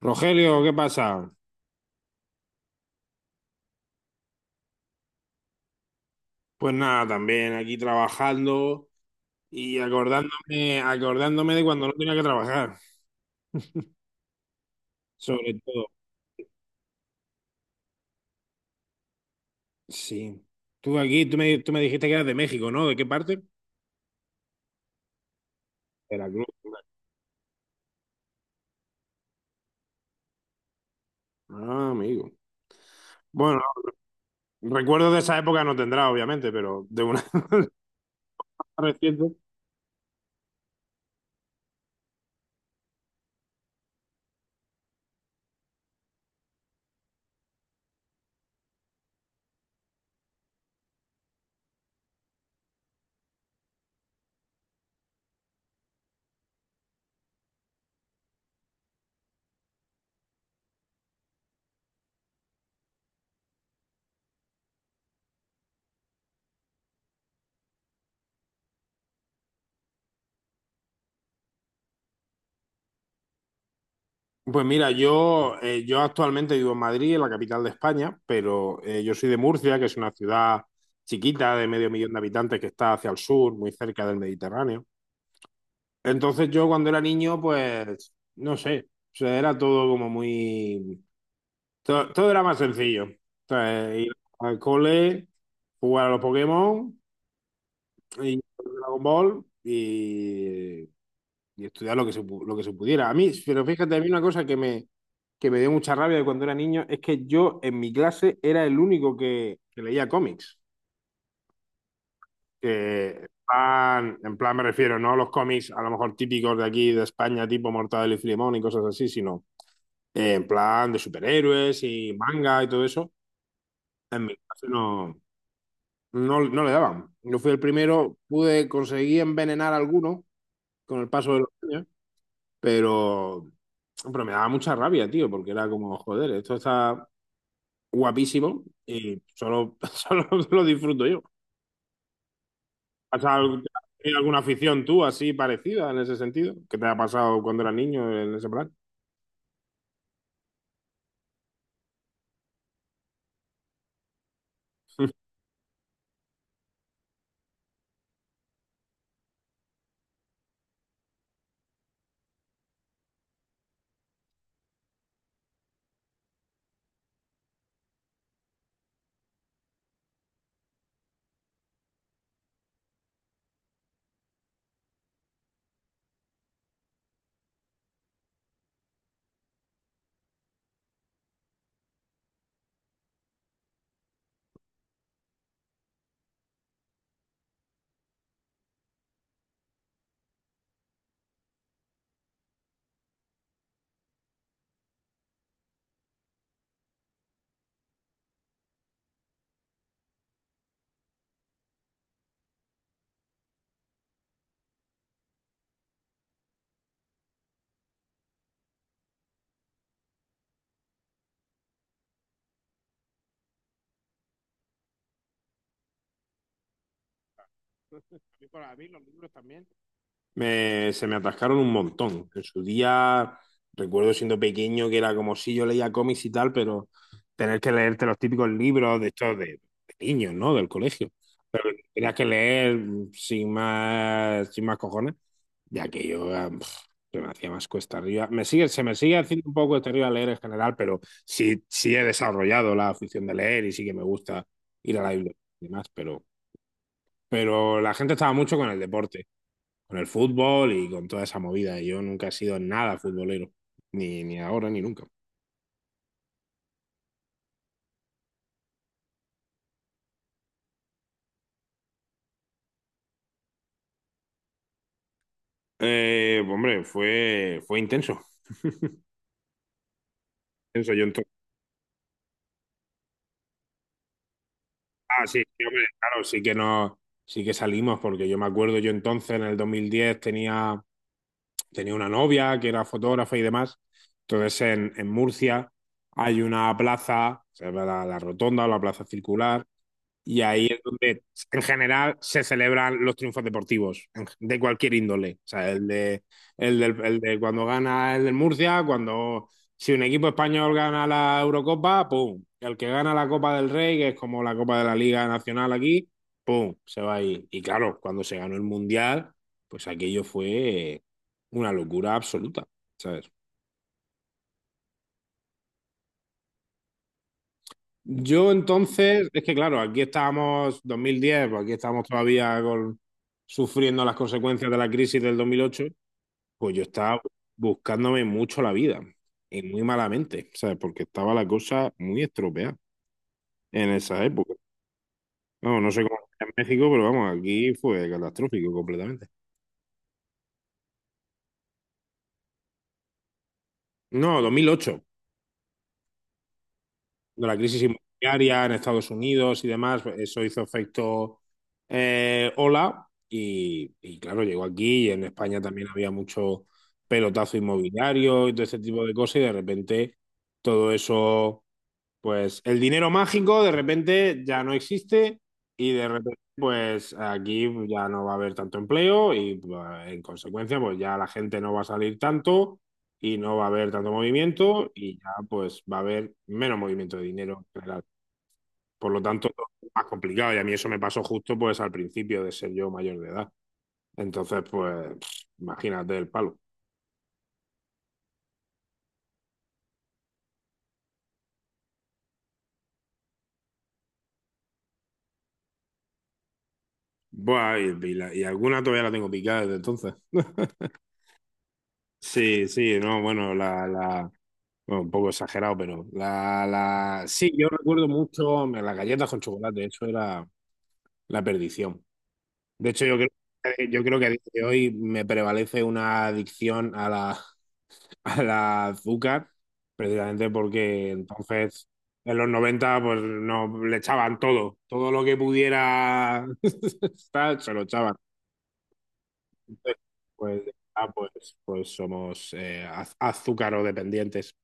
Rogelio, ¿qué pasa? Pues nada, también aquí trabajando y acordándome, acordándome de cuando no tenía que trabajar, sobre todo. Sí. Tú me dijiste que eras de México, ¿no? ¿De qué parte? Veracruz. Ah, amigo. Bueno, recuerdos de esa época no tendrá, obviamente, pero de una reciente. Pues mira, yo actualmente vivo en Madrid, en la capital de España, pero yo soy de Murcia, que es una ciudad chiquita de medio millón de habitantes que está hacia el sur, muy cerca del Mediterráneo. Entonces yo cuando era niño, pues, no sé, o sea, era todo como muy... Todo era más sencillo. Entonces, ir al cole, jugar a los Pokémon y Dragon Ball y estudiar lo que se pudiera. Pero fíjate, a mí una cosa que me dio mucha rabia de cuando era niño es que yo en mi clase era el único que leía cómics. Que en plan me refiero, no a los cómics a lo mejor típicos de aquí, de España, tipo Mortadelo y Filemón y cosas así, sino en plan de superhéroes y manga y todo eso, en mi clase no, no, no le daban. Yo fui el primero, pude conseguir envenenar a alguno con el paso de los años, pero, pero me daba mucha rabia, tío, porque era como, joder, esto está guapísimo y solo, solo lo disfruto yo. ¿Has al- Tenido alguna afición tú así parecida en ese sentido? ¿Qué te ha pasado cuando eras niño en ese plan? A Para mí los libros también. Se me atascaron un montón. En su día, recuerdo siendo pequeño que era como si yo leía cómics y tal, pero tener que leerte los típicos libros de estos de niños, ¿no? Del colegio. Pero tenías que leer sin más, sin más cojones, ya que yo se me hacía más cuesta arriba. Se me sigue haciendo un poco cuesta arriba leer en general, pero sí, sí he desarrollado la afición de leer y sí que me gusta ir a la biblioteca y demás, pero la gente estaba mucho con el deporte con el fútbol y con toda esa movida. Yo nunca he sido nada futbolero, ni ahora ni nunca. Hombre, fue intenso. Intenso. Yo entonces, sí, sí, hombre, claro, sí que no, sí que salimos, porque yo me acuerdo, yo entonces en el 2010 tenía una novia que era fotógrafa y demás. Entonces en Murcia hay una plaza, se llama la rotonda o la plaza circular. Y ahí es donde, en general, se celebran los triunfos deportivos, de cualquier índole. O sea, el de cuando gana el del Murcia, cuando si un equipo español gana la Eurocopa, ¡pum! El que gana la Copa del Rey, que es como la Copa de la Liga Nacional aquí, ¡pum! Se va ahí. Y claro, cuando se ganó el Mundial, pues aquello fue una locura absoluta, ¿sabes? Yo entonces, es que claro, aquí estábamos 2010, pues aquí estamos todavía sufriendo las consecuencias de la crisis del 2008. Pues yo estaba buscándome mucho la vida y muy malamente, ¿sabes? Porque estaba la cosa muy estropeada en esa época. No, no sé cómo era en México, pero vamos, aquí fue catastrófico completamente. No, 2008, de la crisis inmobiliaria en Estados Unidos y demás, pues, eso hizo efecto ola y, claro, llegó aquí y en España también había mucho pelotazo inmobiliario y todo ese tipo de cosas y de repente todo eso, pues el dinero mágico de repente ya no existe y de repente pues aquí ya no va a haber tanto empleo y pues, en consecuencia, pues ya la gente no va a salir tanto y no va a haber tanto movimiento y ya pues va a haber menos movimiento de dinero en general. Por lo tanto, es más complicado y a mí eso me pasó justo pues al principio de ser yo mayor de edad. Entonces pues imagínate el palo. Buah, y alguna todavía la tengo picada desde entonces. Sí, sí, no, bueno, bueno, un poco exagerado, pero sí, yo recuerdo mucho las galletas con chocolate, eso era la perdición. De hecho, yo creo que a día de hoy me prevalece una adicción a la, a la azúcar, precisamente porque entonces en los 90 pues no le echaban todo, todo lo que pudiera estar, se lo echaban. Entonces, pues, pues somos azucarodependientes.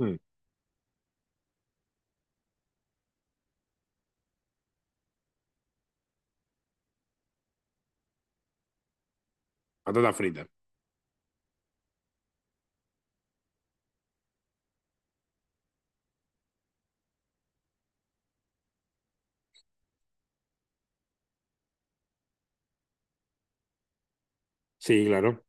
Mm, patatas fritas. Sí, claro.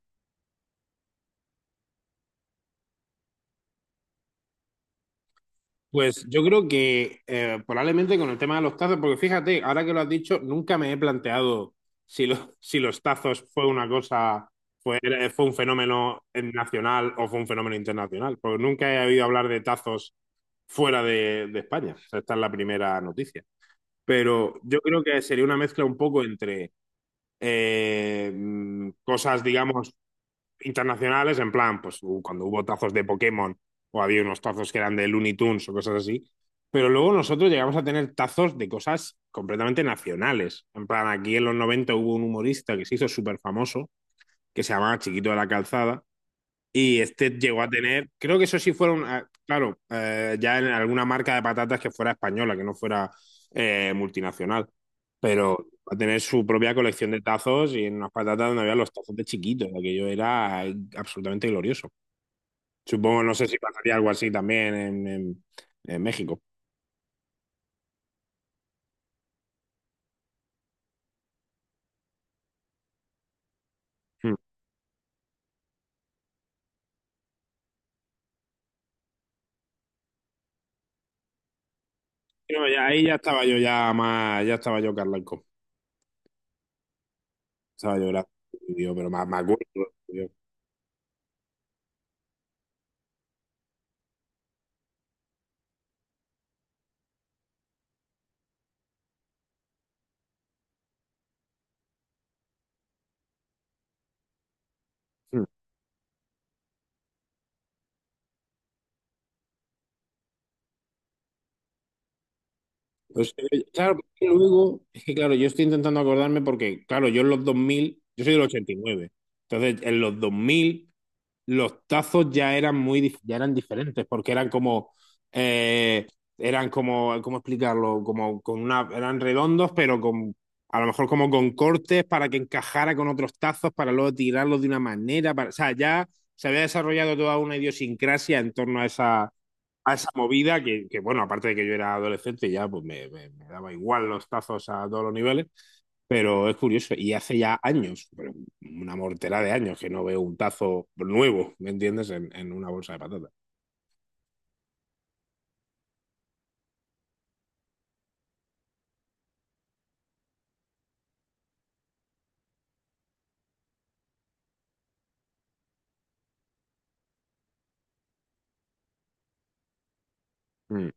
Pues yo creo que probablemente con el tema de los tazos, porque fíjate, ahora que lo has dicho, nunca me he planteado si los tazos fue una cosa, fue un fenómeno nacional o fue un fenómeno internacional, porque nunca he oído hablar de tazos fuera de España. O sea, esta es la primera noticia. Pero yo creo que sería una mezcla un poco entre cosas, digamos, internacionales, en plan, pues cuando hubo tazos de Pokémon o había unos tazos que eran de Looney Tunes o cosas así, pero luego nosotros llegamos a tener tazos de cosas completamente nacionales. En plan, aquí en los 90 hubo un humorista que se hizo súper famoso, que se llamaba Chiquito de la Calzada, y este llegó a tener, creo que eso sí fueron, claro, ya en alguna marca de patatas que fuera española, que no fuera multinacional, pero va a tener su propia colección de tazos, y en unas patatas donde había los tazos de chiquitos, aquello era absolutamente glorioso. Supongo, no sé si pasaría algo así también en México. Hmm. Pero ahí ya estaba yo ya más, ya estaba yo Carlanco, estaba yo, pero más, más gordo, tío. Pues, claro, porque luego, es que claro, yo estoy intentando acordarme porque, claro, yo en los 2000 yo soy del 89, entonces en los 2000 los tazos ya eran ya eran diferentes porque eh, eran como, ¿cómo explicarlo? Como con una, eran redondos, pero con, a lo mejor como con cortes para que encajara con otros tazos para luego tirarlos de una manera, para, o sea, ya se había desarrollado toda una idiosincrasia en torno a esa movida que, bueno, aparte de que yo era adolescente, ya pues me daba igual los tazos a todos los niveles, pero es curioso. Y hace ya años, pero una mortera de años, que no veo un tazo nuevo, ¿me entiendes?, en una bolsa de patatas. Mm,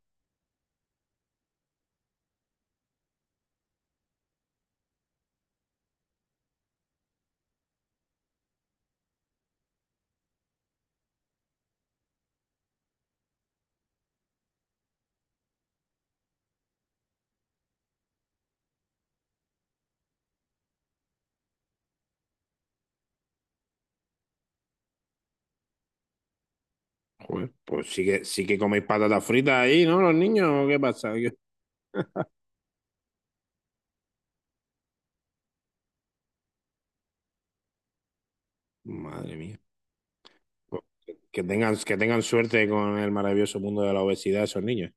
joder, pues sí que coméis patatas fritas ahí, ¿no? Los niños, ¿qué pasa? ¿Qué... Madre mía. Pues que tengan suerte con el maravilloso mundo de la obesidad esos niños.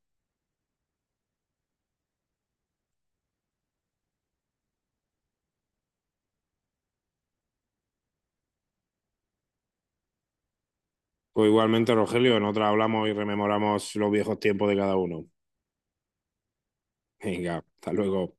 Pues igualmente, Rogelio, en otra hablamos y rememoramos los viejos tiempos de cada uno. Venga, hasta luego.